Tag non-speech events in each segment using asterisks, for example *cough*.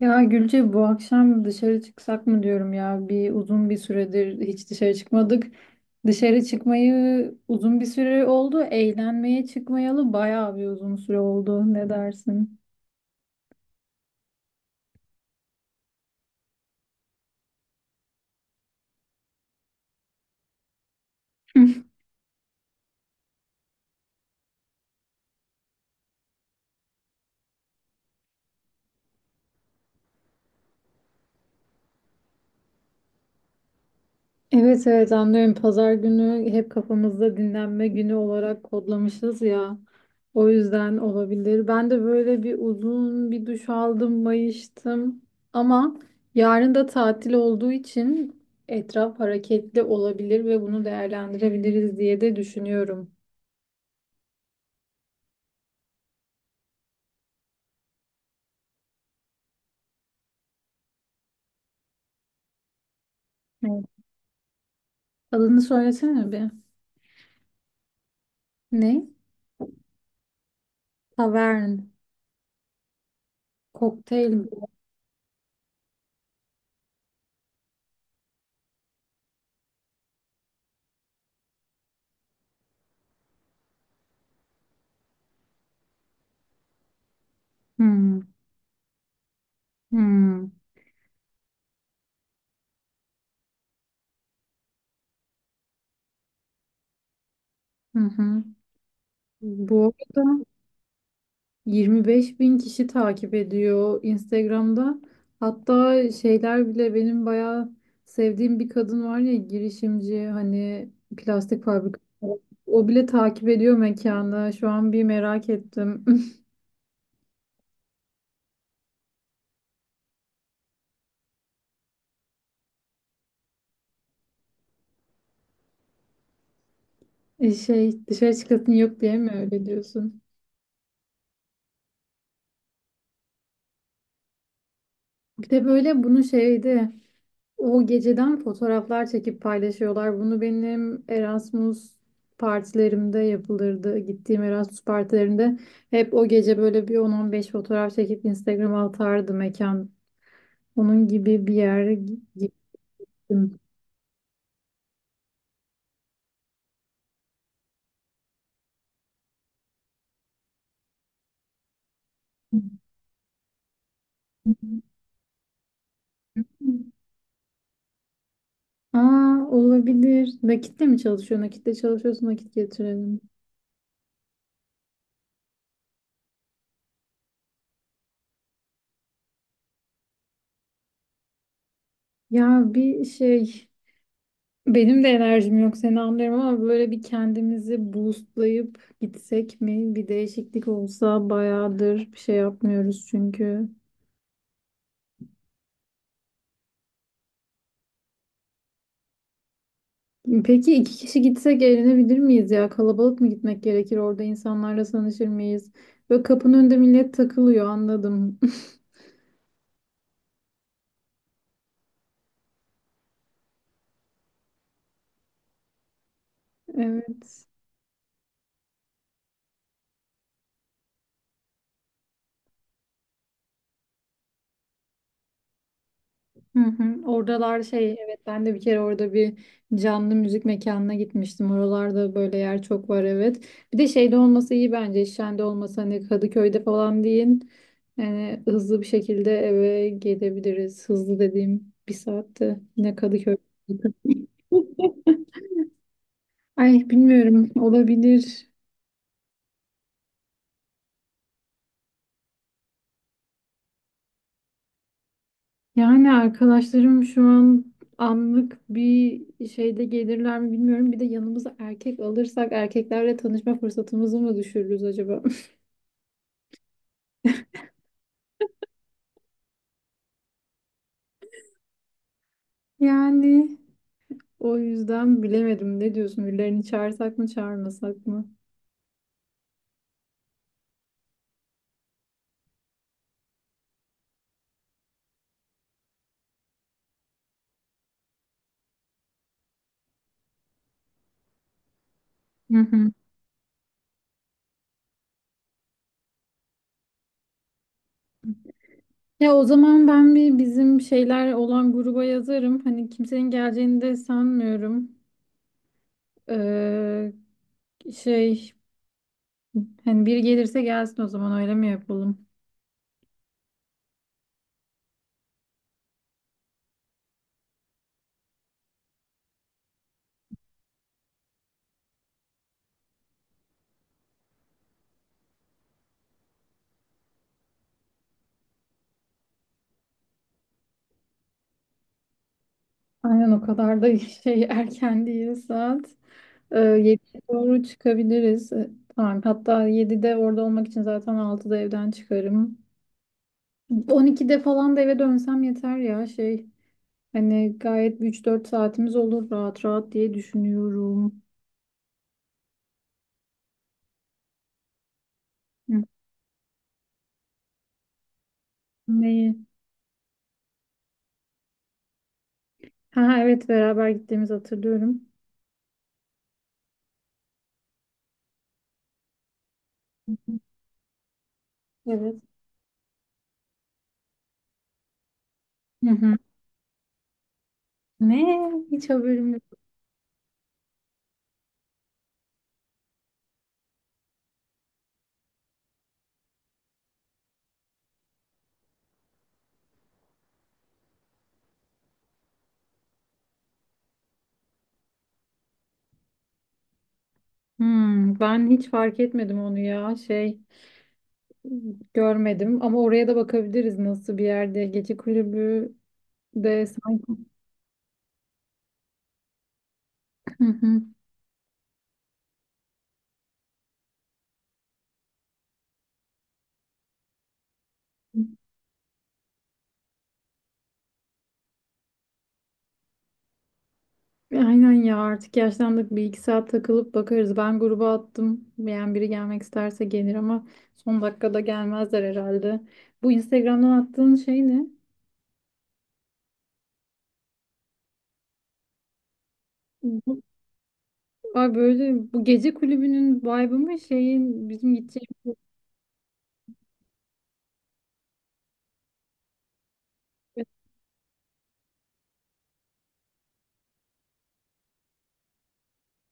Ya Gülce bu akşam dışarı çıksak mı diyorum ya. Uzun bir süredir hiç dışarı çıkmadık. Dışarı çıkmayı uzun bir süre oldu. Eğlenmeye çıkmayalı bayağı uzun süre oldu. Ne dersin? *laughs* Evet, evet, anlıyorum. Pazar günü hep kafamızda dinlenme günü olarak kodlamışız ya. O yüzden olabilir. Ben de böyle uzun bir duş aldım, mayıştım. Ama yarın da tatil olduğu için etraf hareketli olabilir ve bunu değerlendirebiliriz diye de düşünüyorum. Evet. Adını söylesene bir. Ne? Tavern. Kokteyl mi? Hmm. Hmm. Hı hı. Bu arada 25 bin kişi takip ediyor Instagram'da. Hatta şeyler bile benim bayağı sevdiğim bir kadın var ya, girişimci, hani plastik fabrikası. O bile takip ediyor mekanı. Şu an bir merak ettim. *laughs* Dışarı çıkasın yok diye mi öyle diyorsun? Bir de böyle bunu şeydi. O geceden fotoğraflar çekip paylaşıyorlar. Bunu benim Erasmus partilerimde yapılırdı. Gittiğim Erasmus partilerinde hep o gece böyle bir 10-15 fotoğraf çekip Instagram'a atardı mekan. Onun gibi bir yere gittim. Aa, olabilir. Nakitle mi çalışıyor? Nakitle çalışıyorsun, nakit getirelim. Ya bir şey Benim de enerjim yok, seni anlıyorum ama böyle bir kendimizi boostlayıp gitsek mi? Bir değişiklik olsa, bayağıdır bir şey yapmıyoruz çünkü. Peki iki kişi gitsek eğlenebilir miyiz ya? Kalabalık mı gitmek gerekir? Orada insanlarla tanışır mıyız? Böyle kapının önünde millet takılıyor, anladım. *laughs* Evet. Hı hı. Oradalar şey, evet, ben de bir kere orada bir canlı müzik mekanına gitmiştim. Oralarda böyle yer çok var, evet. Bir de şeyde olması iyi bence. Şende olması, hani Kadıköy'de falan değil. Yani hızlı bir şekilde eve gelebiliriz. Hızlı dediğim bir saatte yine Kadıköy. *laughs* Ay, bilmiyorum, olabilir. Yani arkadaşlarım şu an anlık bir şeyde gelirler mi bilmiyorum. Bir de yanımıza erkek alırsak, erkeklerle tanışma fırsatımızı mı düşürürüz acaba? *laughs* Yani o yüzden bilemedim. Ne diyorsun? Birilerini çağırsak mı, çağırmasak mı? Hı hı. Ya o zaman ben bir bizim şeyler olan gruba yazarım. Hani kimsenin geleceğini de sanmıyorum. Ee, şey, hani biri gelirse gelsin, o zaman öyle mi yapalım? Aynen, o kadar da *laughs* şey erken değil saat. 7'ye doğru çıkabiliriz. Tamam. Hatta 7'de orada olmak için zaten 6'da evden çıkarım. 12'de falan da eve dönsem yeter ya şey. Hani gayet 3 4 saatimiz olur rahat rahat diye düşünüyorum. Hı. Neyi? Ha, ha, evet, beraber gittiğimizi hatırlıyorum. Hı hı. Evet. Hı hı. Ne? Hiç haberim yok. Hmm, ben hiç fark etmedim onu ya şey. Görmedim ama oraya da bakabiliriz nasıl bir yerde. Gece kulübü de sanki. Hı hı. Aynen ya, artık yaşlandık, bir iki saat takılıp bakarız. Ben gruba attım. Yani biri gelmek isterse gelir ama son dakikada gelmezler herhalde. Bu Instagram'dan attığın şey ne? Bu- Ay böyle bu gece kulübünün vibe'ı mı, şeyin bizim gideceğimiz.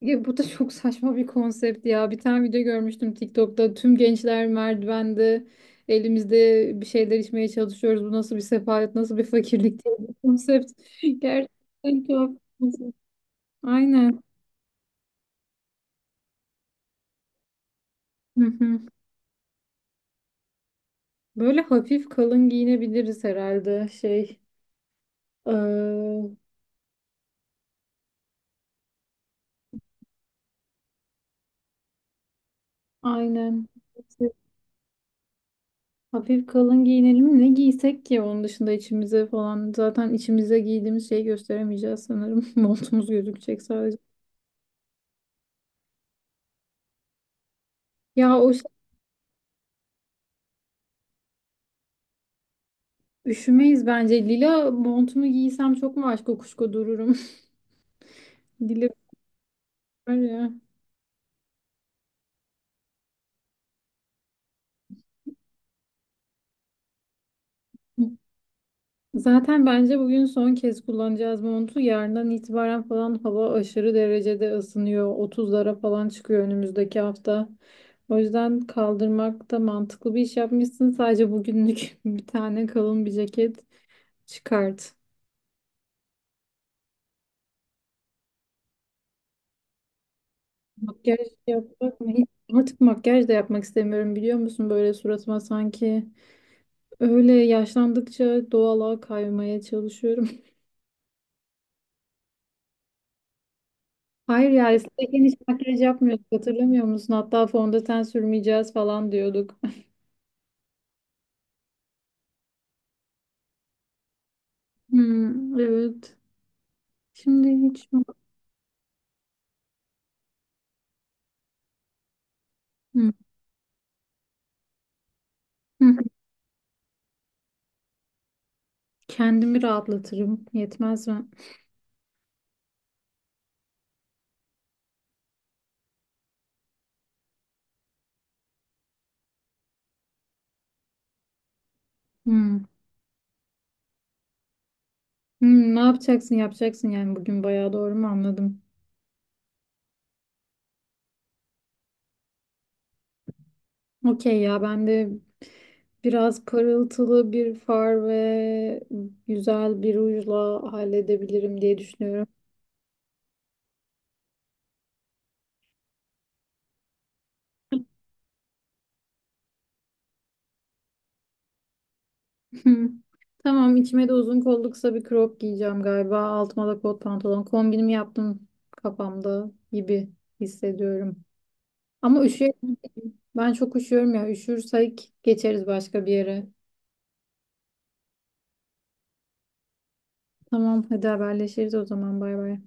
Ya bu da çok saçma bir konsept ya. Bir tane video görmüştüm TikTok'ta. Tüm gençler merdivende, elimizde bir şeyler, içmeye çalışıyoruz. Bu nasıl bir sefalet, nasıl bir fakirlik diye bir konsept. *laughs* Gerçekten tuhaf bir konsept. Aynen. Hı hı. Böyle hafif kalın giyinebiliriz herhalde. Eee, aynen. Hafif kalın giyinelim. Ne giysek ki onun dışında, içimize falan. Zaten içimize giydiğimiz şeyi gösteremeyeceğiz sanırım. *laughs* Montumuz gözükecek sadece. Ya o Üşümeyiz bence. Lila montumu giysem çok mu aşk kokuşko dururum. *laughs* Lila var ya. Zaten bence bugün son kez kullanacağız montu. Yarından itibaren falan hava aşırı derecede ısınıyor. 30'lara falan çıkıyor önümüzdeki hafta. O yüzden kaldırmak da mantıklı bir iş yapmışsın. Sadece bugünlük *laughs* bir tane kalın bir ceket çıkart. Makyaj yapmak mı? Artık makyaj da yapmak istemiyorum, biliyor musun? Böyle suratıma sanki. Öyle yaşlandıkça doğala kaymaya çalışıyorum. *laughs* Hayır ya, eskiden hiç makyaj yapmıyorduk, hatırlamıyor musun? Hatta fondöten sürmeyeceğiz falan diyorduk. *laughs* Hmm, evet. Şimdi hiç. Hmm, hmm. Kendimi rahatlatırım. Yetmez mi? Hmm. Hmm, ne yapacaksın yapacaksın yani bugün, bayağı doğru mu anladım? Okey ya, ben de biraz parıltılı bir far ve güzel bir rujla halledebilirim diye düşünüyorum. Hı. Tamam, içime de uzun kollu kısa bir crop giyeceğim galiba. Altıma da kot pantolon. Kombinimi yaptım kafamda gibi hissediyorum. Ama üşüyor. Ben çok üşüyorum ya. Üşürsek geçeriz başka bir yere. Tamam, hadi haberleşiriz o zaman. Bay bay.